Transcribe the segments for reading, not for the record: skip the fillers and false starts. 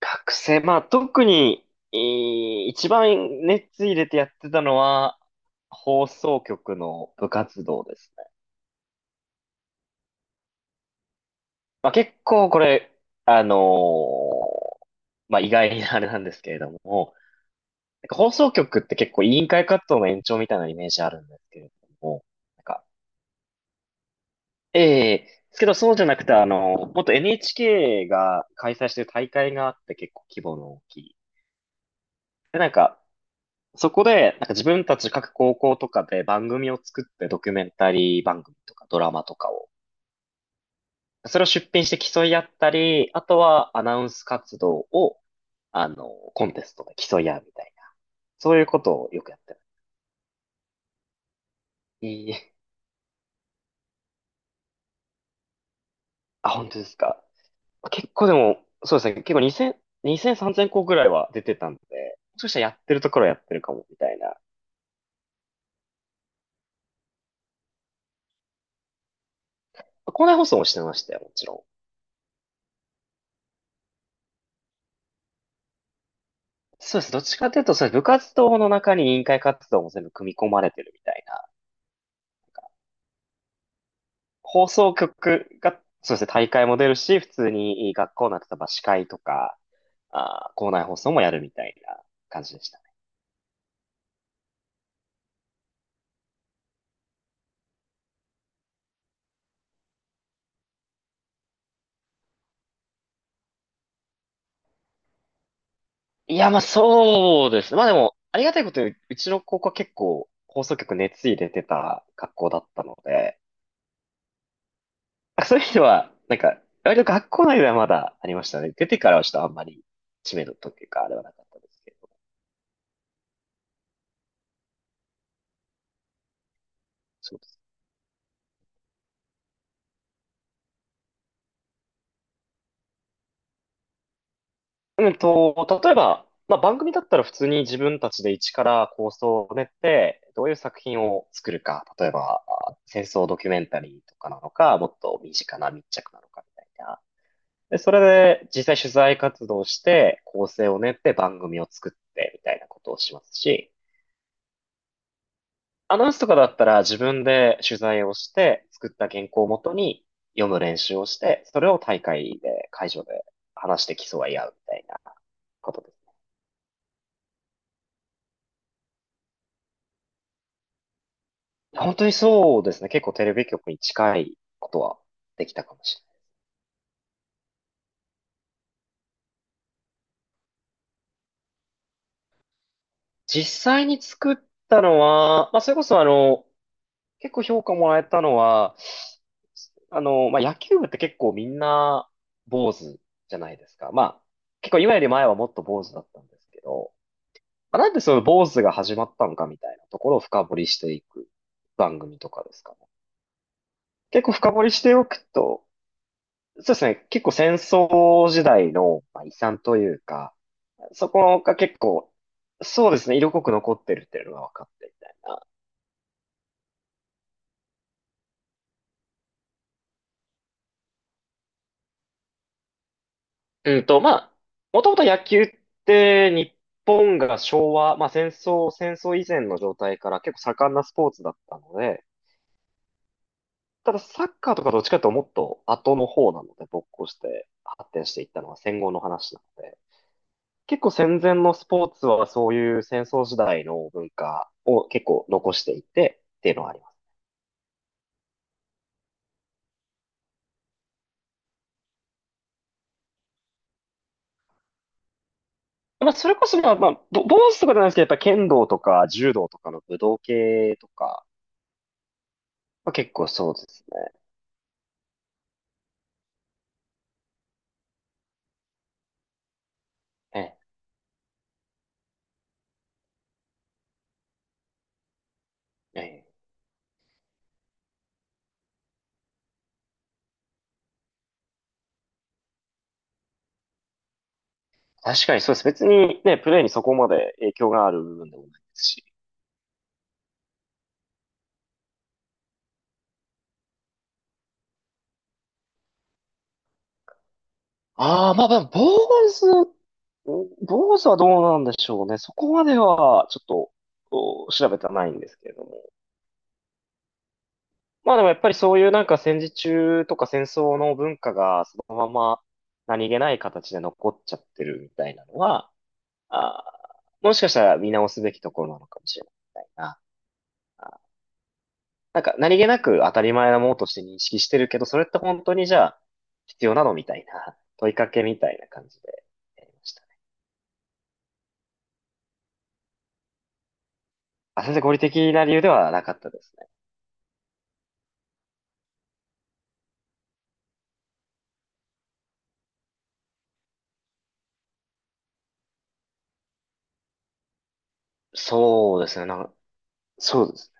学生、まあ特に、一番熱入れてやってたのは、放送局の部活動ですね。まあ結構これ、あのーまあ意外なあれなんですけれども、なんか放送局って結構委員会活動の延長みたいなイメージあるんですけれども、なんか、えですけどそうじゃなくて、あの、もっと NHK が開催してる大会があって結構規模の大きい。で、なんか、そこで、なんか自分たち各高校とかで番組を作ってドキュメンタリー番組とかドラマとかを、それを出品して競い合ったり、あとはアナウンス活動を、あの、コンテストで競い合うみたいな。そういうことをよくやってる。いいあ、本当ですか？結構でも、そうですね。結構2000、2 0 0 3000校ぐらいは出てたんで、もしかしたらやってるところはやってるかも、みたいな。校内放送もしてましたよ、もちろん。そうです。どっちかというと、そうです、部活動の中に委員会活動も全部組み込まれてるみたいな、放送局が、そうですね、大会も出るし、普通に学校の例えば司会とか、あー、校内放送もやるみたいな感じでしたね。いや、まあそうですね。まあでも、ありがたいことに、うちの高校は結構放送局熱入れてた学校だったので、あそういう意味では、なんか、割と学校内ではまだありましたね。出てからはちょっとあんまり知名度というか、あれはなかったですけど。そうです。うんと、例えば、まあ、番組だったら普通に自分たちで一から構想を練って、どういう作品を作るか、例えば、あ戦争ドキュメンタリーとかなのか、もっと身近な密着なのかみたいな。で、それで実際取材活動して、構成を練って番組を作ってみたいなことをしますし、アナウンスとかだったら自分で取材をして、作った原稿をもとに読む練習をして、それを大会で、会場で話して競い合うみたいなことですね。本当にそうですね。結構テレビ局に近いことはできたかもしれない。実際に作ったのは、まあ、それこそあの、結構評価もらえたのは、あの、まあ、野球部って結構みんな坊主じゃないですか。まあ、結構今より前はもっと坊主だったんですけど、まあ、なんでその坊主が始まったのかみたいなところを深掘りしていく番組とかですかね。結構深掘りしておくと、そうですね、結構戦争時代のまあ遺産というか、そこが結構、そうですね、色濃く残ってるっていうのが分かってみたいな。うんと、まあ、もともと野球って日本が昭和、まあ戦争以前の状態から結構盛んなスポーツだったので、ただサッカーとかどっちかというともっと後の方なので、勃興して発展していったのは戦後の話なので、結構戦前のスポーツはそういう戦争時代の文化を結構残していてっていうのはあります。まあ、それこそ坊主とかじゃないですけど、やっぱ剣道とか柔道とかの武道系とか、まあ、結構そうですね。ええ、ええ。確かにそうです。別にね、プレイにそこまで影響がある部分でもないですし。ああ、まあまあ、坊主、坊主はどうなんでしょうね。そこまでは、ちょっと、お調べてはないんですけれども。まあでもやっぱりそういうなんか戦時中とか戦争の文化がそのまま何気ない形で残っちゃってるみたいなのは、あー、もしかしたら見直すべきところなのかもしれない、みたいな。あーなんか何気なく当たり前なものとして認識してるけど、それって本当にじゃあ必要なのみたいな問いかけみたいな感じでやりましたね。あ、全然合理的な理由ではなかったですね。そうですね。なんか、そうです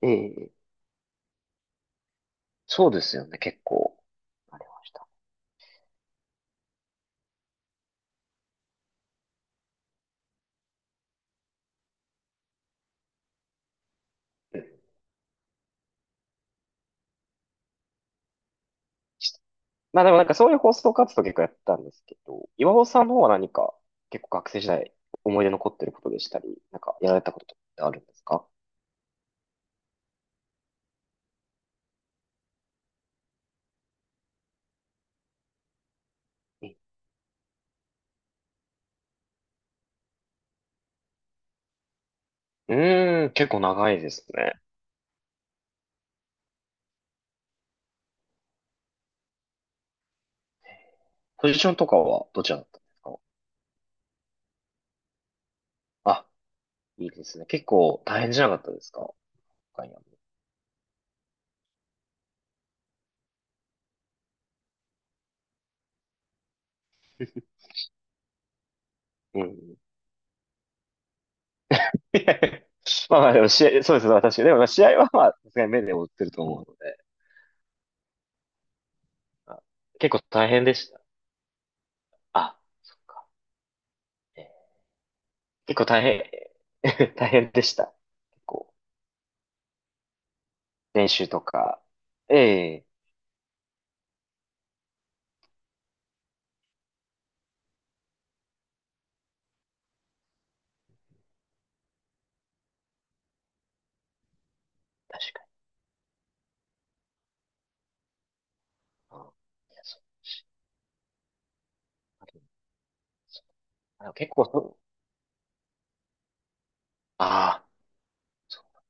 ね。ええ、そうですよね。結構。ありました。うん。まあでもなんかそういう放送活動結構やったんですけど、岩尾さんの方は何か結構学生時代思い出残ってることでしたり、なんかやられたこととかってあるんですか？うーん、結構長いですね。ポジションとかはどちらだったんですか？あ、いいですね。結構大変じゃなかったですか、他には？うん。いや、まあまあでも試合、そうですね、私。でもまあ試合はまあ、さすがに目で追ってると思うので、あ結構大変でした。あ、そっか。えー結構大変、大変でした。結構、練習とか。ええ、確かに。うんいやそうあでも結構そう、ああ、そう、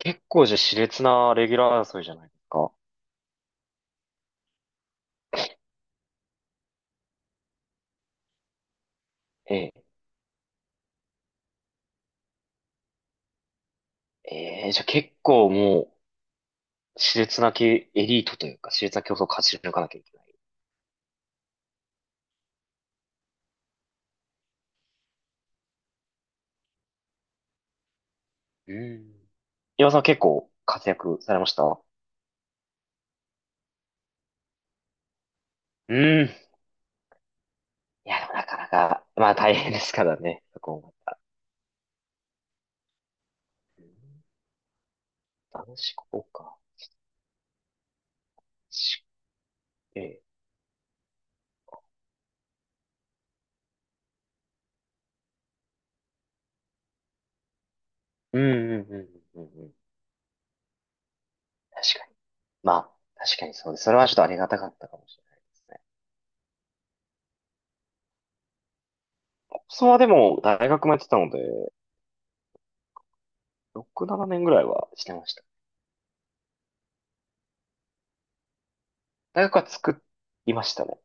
結構じゃあ熾烈なレギュラー争いじゃないですか。ええ、ええ、じゃあ結構もう、熾烈なけエリートというか、熾烈な競争を勝ち抜かなきゃいけない。うん。岩尾さんは結構活躍されました？うん。いや、でもなかなか、まあ大変ですからね、そこも。男子校か。しええ。うんうんうんうんうん。確かに。まあ、確かにそうです。それはちょっとありがたかったかもしれないですね。それはでも、大学もやってたので、6、7年ぐらいはしてました。大学は作りましたね。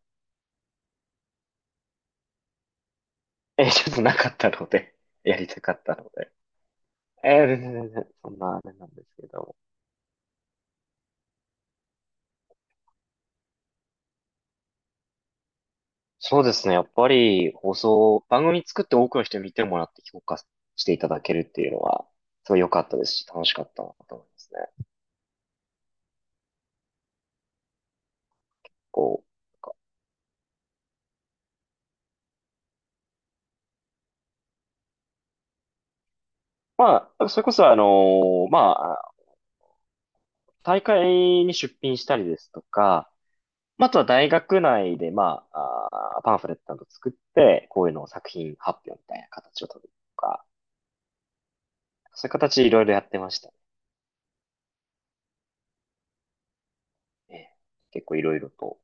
え、ちょっとなかったので、やりたかったので。全然、そんなあれなんですけど。そうですね、やっぱり放送、番組作って多くの人に見てもらって評価していただけるっていうのは、すごい良かったですし、楽しかったなと思いますね。こう、なんかまあ、それこそまあ、大会に出品したりですとか、まああとは大学内で、まあ、あーパンフレットなど作って、こういうのを作品発表みたいな形を取るとか、そういう形でいろいろやってました。ええ、結構いろいろと。